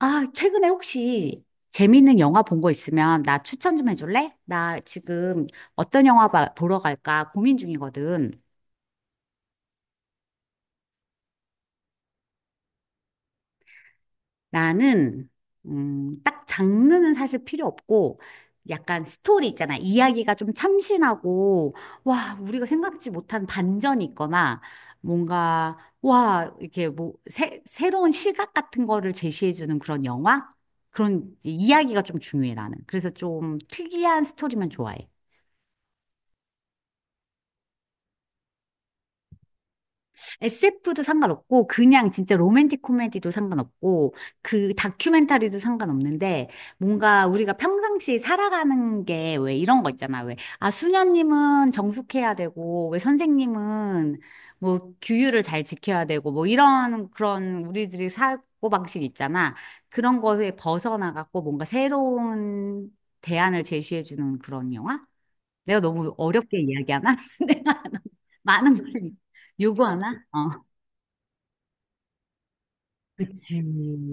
아, 최근에 혹시 재밌는 영화 본 거 있으면 나 추천 좀 해줄래? 나 지금 어떤 영화 보러 갈까 고민 중이거든. 나는, 딱 장르는 사실 필요 없고, 약간 스토리 있잖아. 이야기가 좀 참신하고, 와, 우리가 생각지 못한 반전이 있거나, 뭔가, 와, 이렇게 뭐, 새로운 시각 같은 거를 제시해주는 그런 영화? 그런 이야기가 좀 중요해, 나는. 그래서 좀 특이한 스토리만 좋아해. SF도 상관없고, 그냥 진짜 로맨틱 코미디도 상관없고, 그 다큐멘터리도 상관없는데, 뭔가 우리가 평상시 살아가는 게 왜 이런 거 있잖아. 왜, 아, 수녀님은 정숙해야 되고, 왜 선생님은 뭐 규율을 잘 지켜야 되고, 뭐 이런 그런 우리들이 사고 방식 있잖아. 그런 거에 벗어나갖고 뭔가 새로운 대안을 제시해주는 그런 영화? 내가 너무 어렵게 이야기하나? 내가 많은 걸 요구하나? 어. 그치,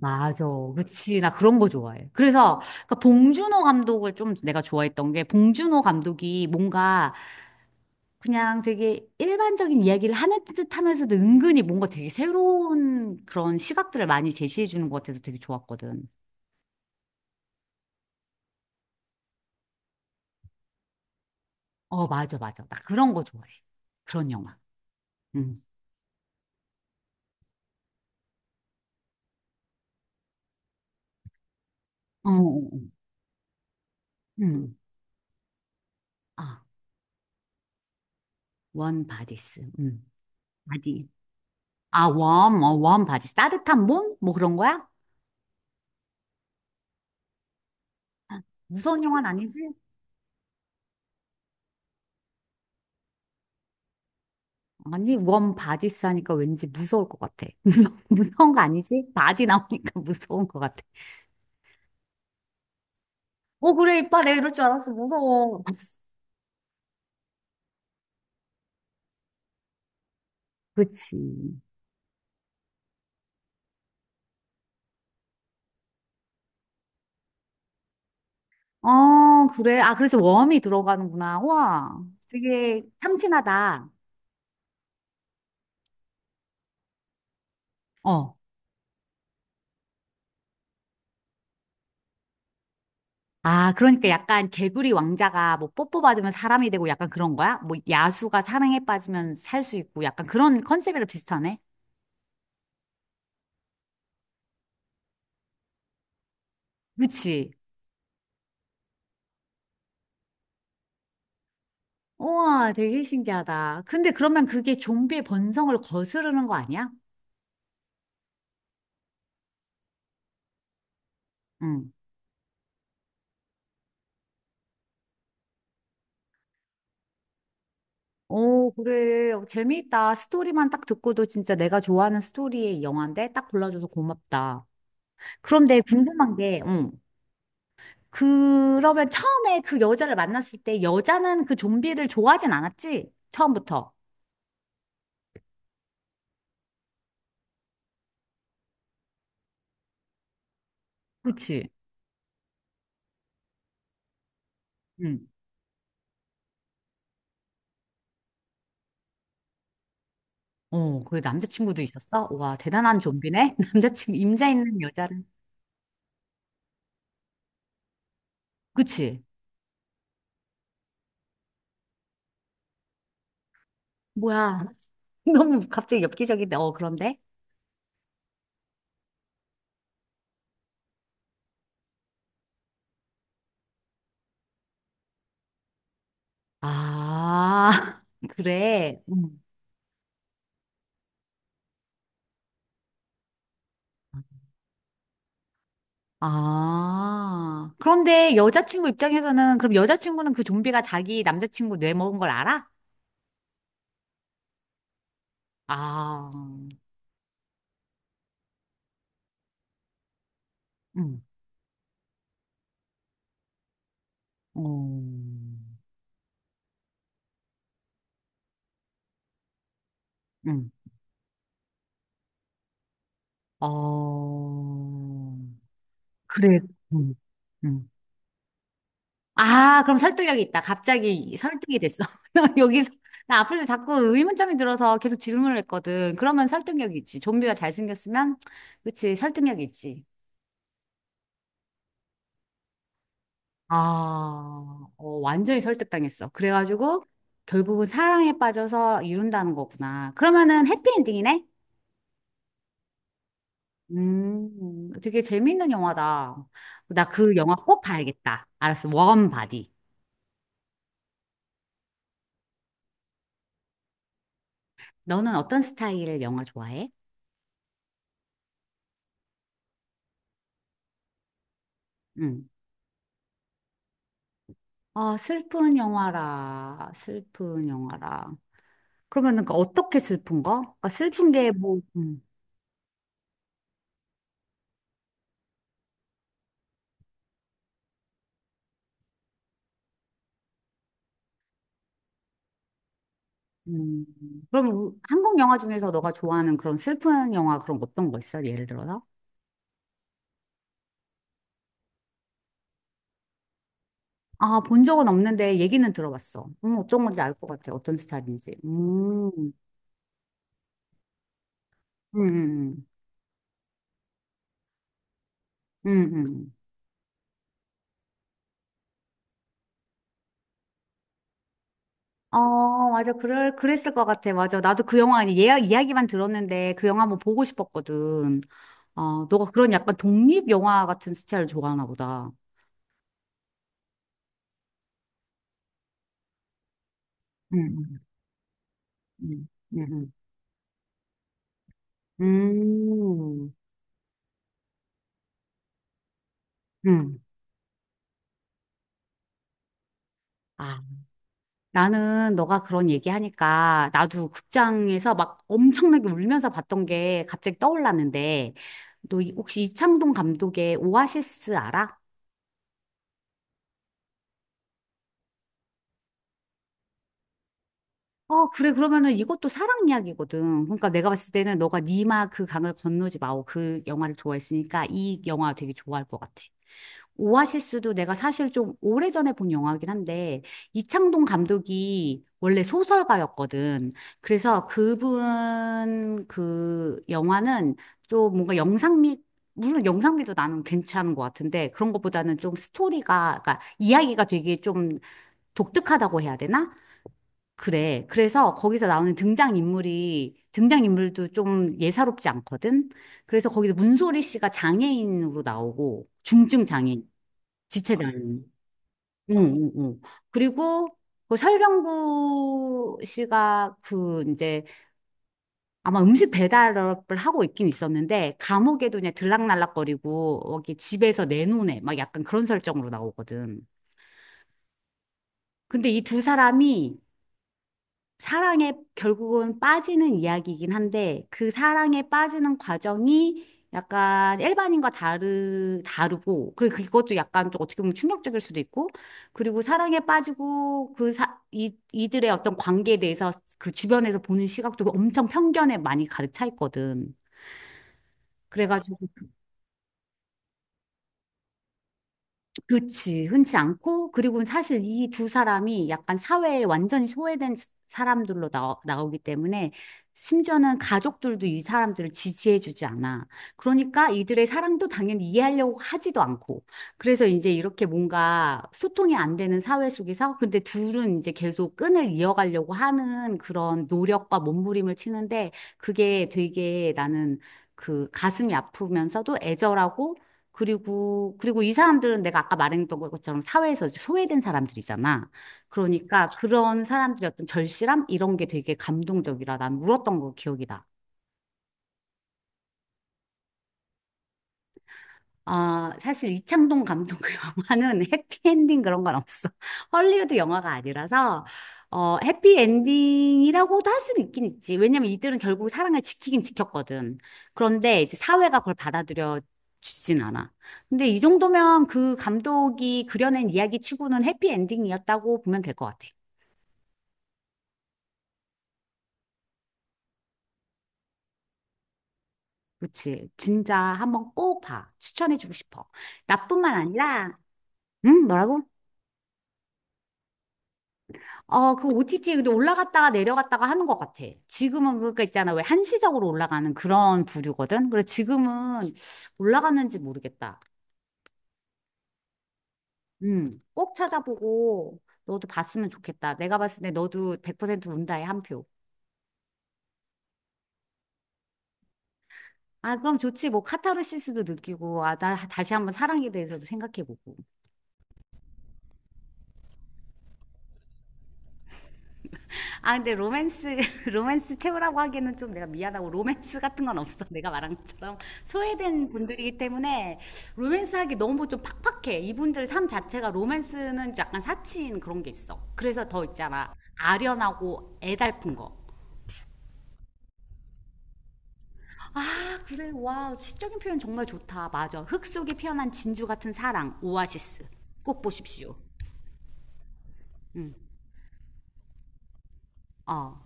맞아. 그치, 나 그런 거 좋아해. 그래서, 그 봉준호 감독을 좀 내가 좋아했던 게, 봉준호 감독이 뭔가 그냥 되게 일반적인 이야기를 하는 듯 하면서도 은근히 뭔가 되게 새로운 그런 시각들을 많이 제시해 주는 것 같아서 되게 좋았거든. 어, 맞아, 맞아. 나 그런 거 좋아해. 그런 영화. 응. 어, 어, 어. 응. 아, 원 바디스. 응. 바디. 아, 원, 어, 원 바디스. 따뜻한 몸? 뭐 그런 거야? 무서운 영화는 아니지? 아니, 원 바디 싸니까 왠지 무서울 것 같아. 무서운 거 아니지? 바디 나오니까 무서운 것 같아. 어, 그래, 이빨 내 이럴 줄 알았어. 무서워. 그치. 어, 그래. 아, 그래서 웜이 들어가는구나. 와, 되게 참신하다. 어. 아, 그러니까 약간 개구리 왕자가 뭐 뽀뽀 받으면 사람이 되고 약간 그런 거야? 뭐 야수가 사랑에 빠지면 살 수 있고 약간 그런 컨셉이랑 비슷하네? 그치. 우와, 되게 신기하다. 근데 그러면 그게 좀비의 본성을 거스르는 거 아니야? 응. 오, 그래. 어, 재미있다. 스토리만 딱 듣고도 진짜 내가 좋아하는 스토리의 영화인데 딱 골라줘서 고맙다. 그런데 궁금한 게, 응. 그러면 처음에 그 여자를 만났을 때 여자는 그 좀비를 좋아하진 않았지? 처음부터. 그치? 응. 어, 그 남자친구도 있었어? 와, 대단한 좀비네? 남자친구, 임자 있는 여자를. 그치? 뭐야. 너무 갑자기 엽기적인데, 어, 그런데? 아, 그래. 응. 아, 그런데 여자친구 입장에서는, 그럼 여자친구는 그 좀비가 자기 남자친구 뇌 먹은 걸 알아? 아, 응. 음, 응. 어, 그래, 응. 응. 아, 그럼 설득력이 있다. 갑자기 설득이 됐어. 나 여기서, 나 앞으로 자꾸 의문점이 들어서 계속 질문을 했거든. 그러면 설득력이 있지. 좀비가 잘생겼으면, 그치, 설득력이 있지. 아, 어, 완전히 설득당했어. 그래가지고 결국은 사랑에 빠져서 이룬다는 거구나. 그러면은 해피엔딩이네? 되게 재미있는 영화다. 나 그 영화 꼭 봐야겠다. 알았어. 원 바디. 너는 어떤 스타일의 영화 좋아해? 응. 아, 슬픈 영화라. 슬픈 영화라. 그러면은 그 어떻게 슬픈 거? 그러니까 슬픈 게 뭐, 음. 그럼 한국 영화 중에서 너가 좋아하는 그런 슬픈 영화 그런 거 어떤 거 있어? 예를 들어서? 아, 본 적은 없는데 얘기는 들어봤어. 어떤 건지 알 것 같아. 어떤 스타일인지. 음, 음, 음. 어, 맞아. 그랬을 것 같아. 맞아. 나도 그 영화, 아니, 예약, 이야기만 들었는데 그 영화 한번 보고 싶었거든. 어, 너가 그런 약간 독립 영화 같은 스타일을 좋아하나 보다. 음, 음, 음, 음. 음. 음. 음. 아, 나는 너가 그런 얘기하니까 나도 극장에서 막 엄청나게 울면서 봤던 게 갑자기 떠올랐는데 너 혹시 이창동 감독의 오아시스 알아? 어, 그래. 그러면은 이것도 사랑 이야기거든. 그러니까 내가 봤을 때는 너가 니마 그 강을 건너지 마오 그 영화를 좋아했으니까 이 영화 되게 좋아할 것 같아. 오아시스도 내가 사실 좀 오래전에 본 영화긴 한데, 이창동 감독이 원래 소설가였거든. 그래서 그분 그 영화는 좀 뭔가 영상미, 물론 영상미도 나는 괜찮은 것 같은데, 그런 것보다는 좀 스토리가, 그러니까 이야기가 되게 좀 독특하다고 해야 되나? 그래. 그래서 거기서 나오는 등장인물도 좀 예사롭지 않거든? 그래서 거기서 문소리 씨가 장애인으로 나오고, 중증 장애인. 지체장는 응, 응, 응. 그리고 그 설경구 씨가 그 이제 아마 음식 배달업을 하고 있긴 있었는데 감옥에도 그냥 들락날락거리고 여기 집에서 내놓네 막 약간 그런 설정으로 나오거든. 근데 이 두 사람이 사랑에 결국은 빠지는 이야기이긴 한데 그 사랑에 빠지는 과정이 약간 일반인과 다르고 그리고 그것도 약간 좀 어떻게 보면 충격적일 수도 있고 그리고 사랑에 빠지고 그 사, 이, 이들의 어떤 관계에 대해서 그 주변에서 보는 시각도 엄청 편견에 많이 가득 차 있거든. 그래가지고 그치. 흔치 않고, 그리고 사실 이 두 사람이 약간 사회에 완전히 소외된 사람들로 나오기 때문에, 심지어는 가족들도 이 사람들을 지지해주지 않아. 그러니까 이들의 사랑도 당연히 이해하려고 하지도 않고. 그래서 이제 이렇게 뭔가 소통이 안 되는 사회 속에서, 근데 둘은 이제 계속 끈을 이어가려고 하는 그런 노력과 몸부림을 치는데, 그게 되게 나는 그 가슴이 아프면서도 애절하고 그리고 이 사람들은 내가 아까 말했던 것처럼 사회에서 소외된 사람들이잖아. 그러니까 그런 사람들의 어떤 절실함? 이런 게 되게 감동적이라 난 울었던 거 기억이 나. 어, 사실 이창동 감독 영화는 해피엔딩 그런 건 없어. 헐리우드 영화가 아니라서, 어, 해피엔딩이라고도 할 수는 있긴 있지. 왜냐면 이들은 결국 사랑을 지키긴 지켰거든. 그런데 이제 사회가 그걸 받아들여 주진 않아. 근데 이 정도면 그 감독이 그려낸 이야기 치고는 해피엔딩이었다고 보면 될 것 같아. 그렇지. 진짜 한번 꼭 봐. 추천해주고 싶어. 나뿐만 아니라, 응? 뭐라고? 어, 그 OTT에 근데 올라갔다가 내려갔다가 하는 것 같아. 지금은 그거 있잖아. 왜 한시적으로 올라가는 그런 부류거든? 그래서 지금은 올라갔는지 모르겠다. 꼭 찾아보고 너도 봤으면 좋겠다. 내가 봤을 때 너도 100% 운다에 한 표. 아, 그럼 좋지. 뭐 카타르시스도 느끼고, 아, 나 다시 한번 사랑에 대해서도 생각해보고. 아 근데 로맨스 로맨스 최고라고 하기에는 좀 내가 미안하고 로맨스 같은 건 없어. 내가 말한 것처럼 소외된 분들이기 때문에 로맨스 하기 너무 좀 팍팍해. 이분들 삶 자체가 로맨스는 약간 사치인 그런 게 있어. 그래서 더 있잖아, 아련하고 애달픈 거. 아, 그래. 와, 시적인 표현 정말 좋다. 맞아, 흙 속에 피어난 진주 같은 사랑, 오아시스. 꼭 보십시오. 어.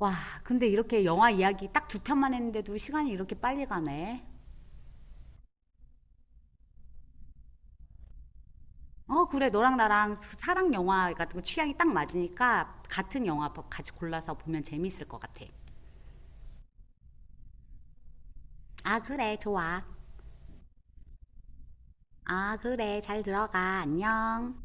와, 근데 이렇게 영화 이야기 딱 두 편만 했는데도 시간이 이렇게 빨리 가네. 어, 그래. 너랑 나랑 랑 영화 같은 거 취향이 딱 맞으니까 같은 영화 같이 골라서 보면 재밌을 것 같아. 아, 그래, 좋아. 아, 그래, 잘 들어가. 안녕.